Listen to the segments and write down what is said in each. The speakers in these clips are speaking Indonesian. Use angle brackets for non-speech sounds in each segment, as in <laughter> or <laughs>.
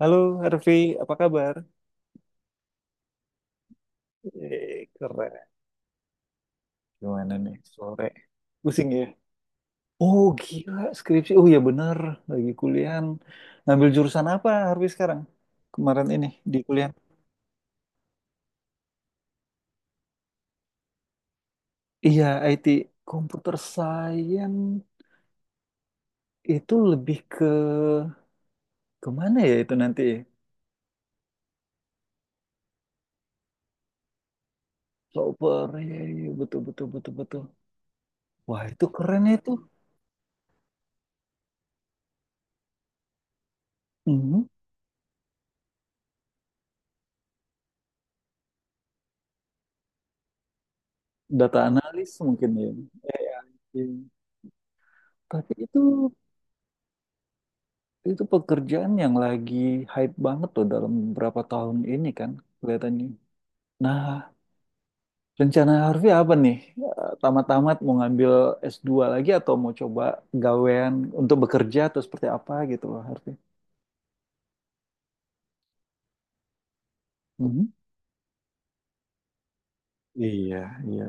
Halo Harvey, apa kabar? Eh, keren. Gimana nih sore? Pusing ya? Oh gila, skripsi. Oh ya bener, lagi kuliahan. Ngambil jurusan apa Harvey sekarang? Kemarin ini di kuliah. Iya, IT. Computer Science itu lebih ke kemana ya itu nanti ya? Software, ya, ya, betul, betul, betul, betul. Wah itu keren itu. Mhm. Data analis mungkin ya. AI. Tapi itu pekerjaan yang lagi hype banget tuh dalam beberapa tahun ini kan kelihatannya. Nah, rencana Harvey apa nih? Tamat-tamat mau ngambil S2 lagi atau mau coba gawean untuk bekerja atau seperti apa gitu loh Harvey. Mhm. Iya, iya.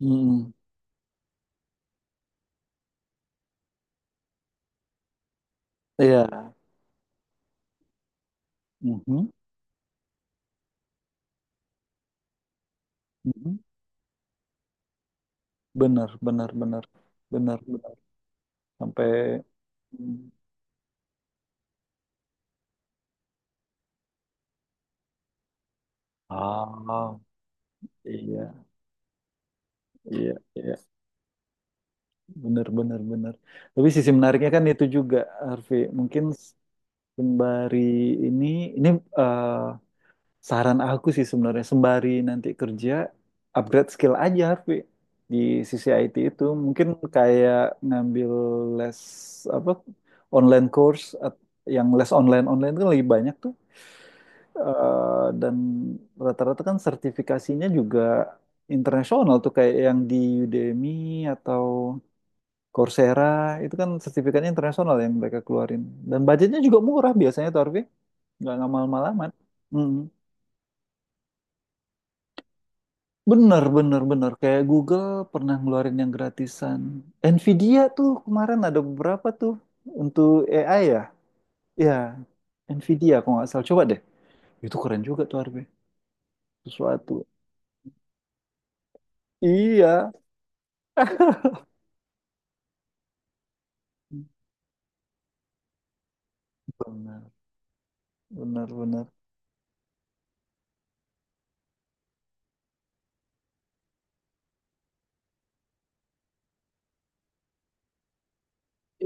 Mm-mm. Iya. Mhm. Mhm. Benar, benar, benar. Benar, benar. Sampai Mm. Ah, iya, iya, iya. Benar, benar, benar. Tapi sisi menariknya kan itu juga, Harvey. Mungkin sembari ini, ini eh, saran aku sih sebenarnya. Sembari nanti kerja, upgrade skill aja, Harvey. Di sisi IT itu, mungkin kayak ngambil les apa online yang les online online itu kan lebih banyak tuh. Dan rata-rata kan sertifikasinya juga internasional tuh kayak yang di Udemy atau Coursera itu kan sertifikatnya internasional yang mereka keluarin dan budgetnya juga murah biasanya tuh Arfi nggak ngamal-mal amat. Mm. Bener bener bener kayak Google pernah ngeluarin yang gratisan. Nvidia tuh kemarin ada beberapa tuh untuk AI ya ya. Iya, Nvidia kalau nggak salah coba deh itu keren juga tuh Arfi sesuatu. Iya bener bener bener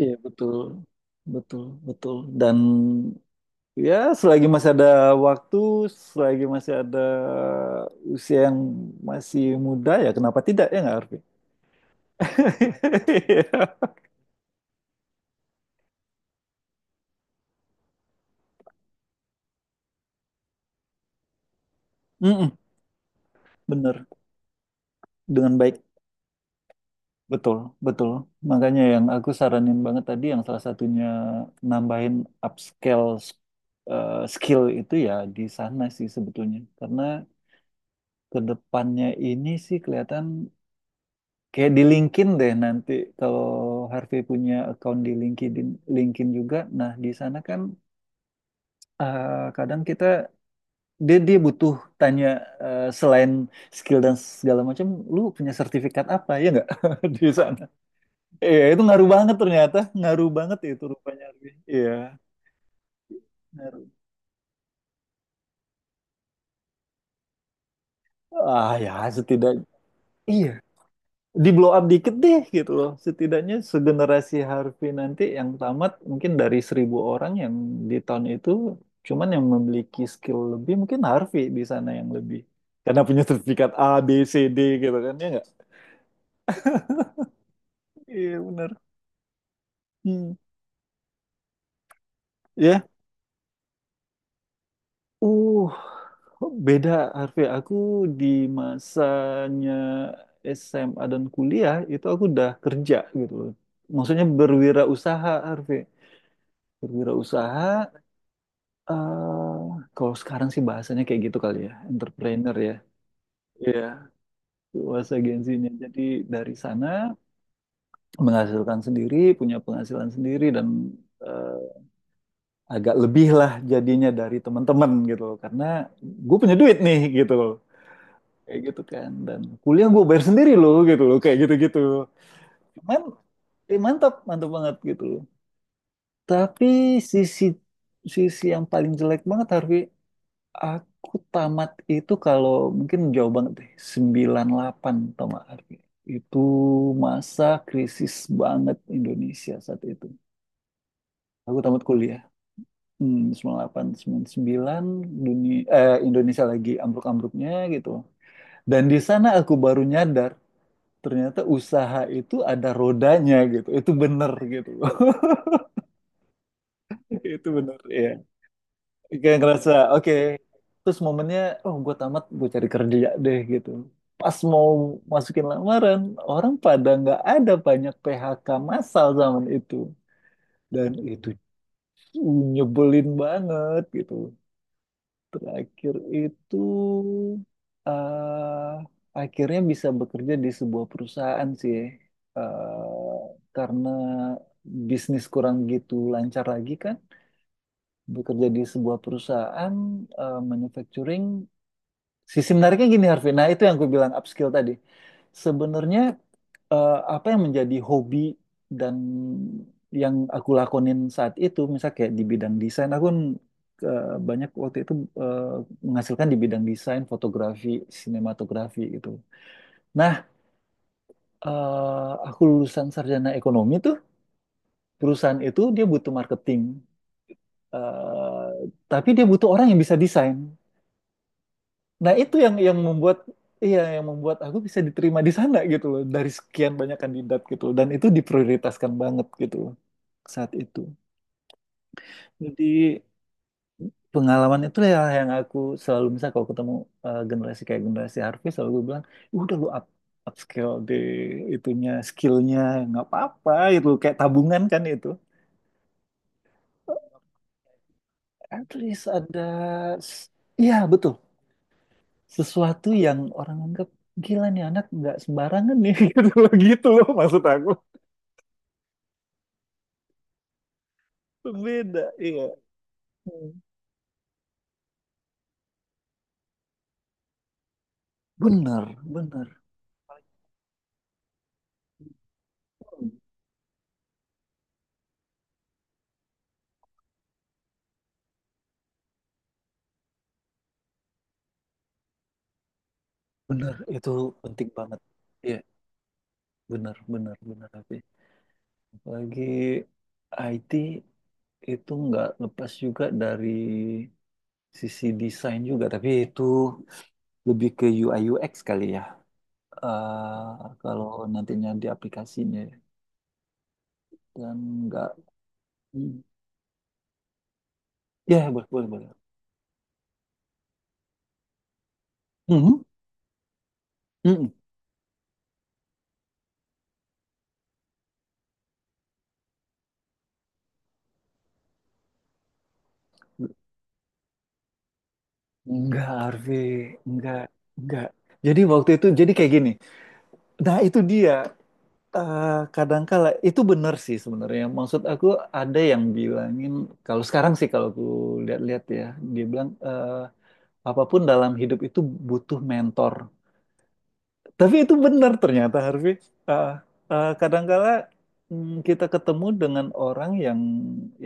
iya betul betul betul dan ya, selagi masih ada waktu, selagi masih ada usia yang masih muda, ya kenapa tidak ya nggak Arfi? <laughs> Mm-mm, bener, dengan baik. Betul, betul. Makanya yang aku saranin banget tadi yang salah satunya nambahin upscale skill itu ya di sana sih sebetulnya. Karena kedepannya ini sih kelihatan. Kayak di LinkedIn deh nanti kalau Harvey punya account di LinkedIn, LinkedIn juga. Nah, di sana kan eh, kadang kita dia dia butuh tanya, selain skill dan segala macam, lu punya sertifikat apa ya nggak <laughs> di sana? Iya, itu ngaruh banget ternyata, ngaruh banget itu rupanya. Harvey. Iya, ngaruh. Ah ya setidaknya. Iya, di blow up dikit deh gitu loh. Setidaknya segenerasi Harvey nanti yang tamat mungkin dari 1000 orang yang di tahun itu cuman yang memiliki skill lebih mungkin Harvey di sana yang lebih karena punya sertifikat A B C D gitu kan ya nggak? Iya benar. Hmm. Ya. Uh, Beda Harvey. Aku di masanya SMA dan kuliah itu aku udah kerja gitu loh. Maksudnya berwirausaha Harvey. Berwirausaha eh kalau sekarang sih bahasanya kayak gitu kali ya, entrepreneur ya. Iya, Bahasa agensinya. Jadi dari sana menghasilkan sendiri, punya penghasilan sendiri dan eh, agak lebih lah jadinya dari teman-teman gitu loh. Karena gue punya duit nih gitu loh. Kayak gitu kan. Dan kuliah gue bayar sendiri loh gitu loh. Kayak gitu-gitu. Cuman mantap, mantap banget gitu loh. Tapi sisi sisi yang paling jelek banget Harvey, aku tamat itu kalau mungkin jauh banget deh, 98 tamat Arfi. Itu masa krisis banget Indonesia saat itu. Aku tamat kuliah. Hmm, 98, 99, Indonesia lagi ambruk-ambruknya gitu. Dan di sana aku baru nyadar, ternyata usaha itu ada rodanya gitu. Itu bener gitu. <laughs> Itu bener, ya. Kayak ngerasa, oke. Terus momennya, oh gue tamat, gue cari kerja deh gitu. Pas mau masukin lamaran, orang pada nggak ada banyak PHK massal zaman itu. Dan itu nyebelin banget gitu. Terakhir itu akhirnya bisa bekerja di sebuah perusahaan sih. Eh, karena bisnis kurang gitu lancar lagi kan. Bekerja di sebuah perusahaan manufacturing. Sisi menariknya gini Harvey, nah itu yang gue bilang upskill tadi. Sebenarnya apa yang menjadi hobi dan yang aku lakonin saat itu, misal kayak di bidang desain, aku kan, banyak waktu itu eh, menghasilkan di bidang desain, fotografi, sinematografi gitu. Nah, aku lulusan sarjana ekonomi tuh, perusahaan itu dia butuh marketing, Eh, tapi dia butuh orang yang bisa desain. Nah, itu yang membuat iya yang membuat aku bisa diterima di sana gitu loh dari sekian banyak kandidat gitu loh. Dan itu diprioritaskan banget gitu loh saat itu. Jadi pengalaman itu ya yang aku selalu misalnya kalau ketemu generasi kayak generasi Harvey selalu gue bilang, udah lu upskill di itunya skillnya nggak apa-apa itu kayak tabungan kan itu. At least ada s- iya betul sesuatu yang orang anggap gila nih anak nggak sembarangan nih <laughs> gitu loh maksud aku. Beda, iya. Bener, bener. Bener, itu penting banget. Iya, bener, bener, bener. Tapi lagi IT itu nggak lepas juga dari sisi desain juga, tapi itu lebih ke UI UX kali ya. Kalau nantinya di aplikasinya ya. Dan nggak, ya boleh, boleh, boleh. Mhm, mhm. Enggak, Arvi, enggak, enggak. Jadi waktu itu, jadi kayak gini. Nah, itu dia. Kadangkala itu benar sih sebenarnya. Maksud aku ada yang bilangin kalau sekarang sih kalau aku lihat-lihat ya, dia bilang apapun dalam hidup itu butuh mentor. Tapi itu benar ternyata Harvey. Eh Kadangkala kita ketemu dengan orang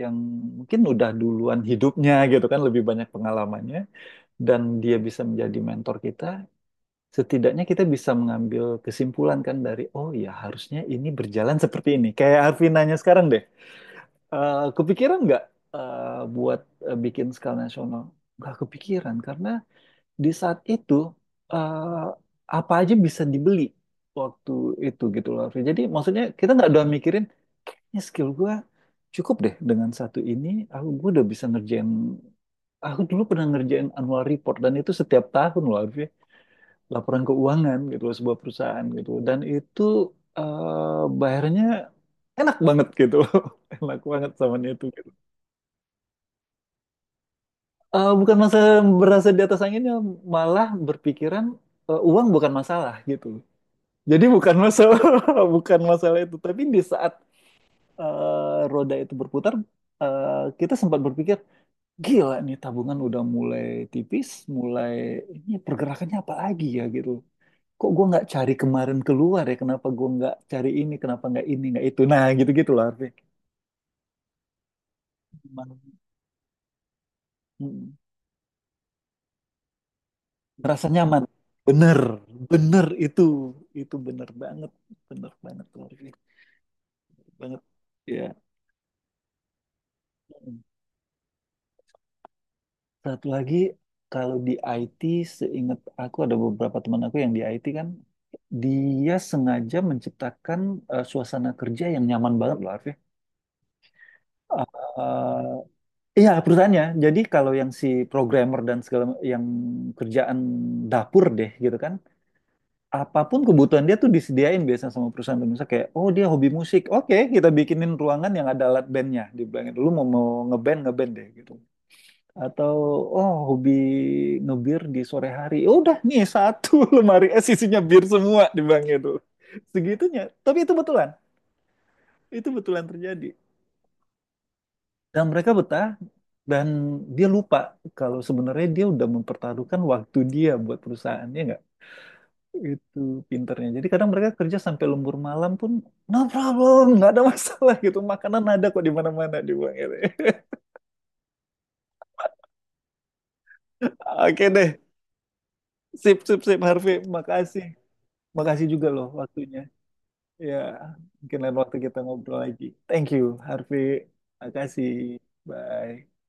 yang mungkin udah duluan hidupnya gitu kan lebih banyak pengalamannya dan dia bisa menjadi mentor kita setidaknya kita bisa mengambil kesimpulan kan dari oh ya harusnya ini berjalan seperti ini kayak Harvey nanya sekarang deh. Kepikiran nggak buat bikin skala nasional nggak kepikiran karena di saat itu eh, apa aja bisa dibeli waktu itu gitu loh Harvey jadi maksudnya kita nggak udah mikirin kayaknya skill gue cukup deh dengan satu ini gue udah bisa ngerjain aku dulu pernah ngerjain annual report dan itu setiap tahun loh Harvey laporan keuangan gitu loh, sebuah perusahaan gitu dan itu bayarnya enak banget gitu loh. <laughs> Enak banget sama itu gitu. Eh, bukan masalah berasa di atas anginnya malah berpikiran uang bukan masalah gitu jadi bukan masalah <laughs> bukan masalah itu tapi di saat roda itu berputar kita sempat berpikir gila nih tabungan udah mulai tipis mulai ini pergerakannya apa lagi ya gitu kok gue nggak cari kemarin keluar ya kenapa gue nggak cari ini kenapa nggak ini nggak itu nah gitu gitu loh Arfi. Nyaman. Mm. Merasa nyaman bener bener itu bener banget tuh Arfi banget ya. Mm. Satu lagi kalau di IT seingat aku ada beberapa teman aku yang di IT kan dia sengaja menciptakan suasana kerja yang nyaman banget loh Arfi. Eh, iya, perusahaannya. Jadi kalau yang si programmer dan segala yang kerjaan dapur deh gitu kan, apapun kebutuhan dia tuh disediain biasanya sama perusahaan tuh. Misalnya kayak, oh dia hobi musik, oke kita bikinin ruangan yang ada alat bandnya. Dibilangin, mau ngeband, ngeband deh gitu. Atau, oh hobi ngebir di sore hari, "Ya udah nih satu <laughs> lemari es isinya bir semua", dibilang gitu. Segitunya, tapi itu betulan. Itu betulan terjadi. Dan mereka betah dan dia lupa kalau sebenarnya dia udah mempertaruhkan waktu dia buat perusahaannya nggak? Itu pinternya. Jadi kadang mereka kerja sampai lembur malam pun no problem, nggak ada masalah gitu. Makanan ada kok di mana-mana dia bilang gitu. <laughs> Oke deh, sip sip sip Harvey, makasih. Makasih juga loh waktunya. Ya, mungkin lain waktu kita ngobrol lagi. Thank you Harvey. Makasih. Bye.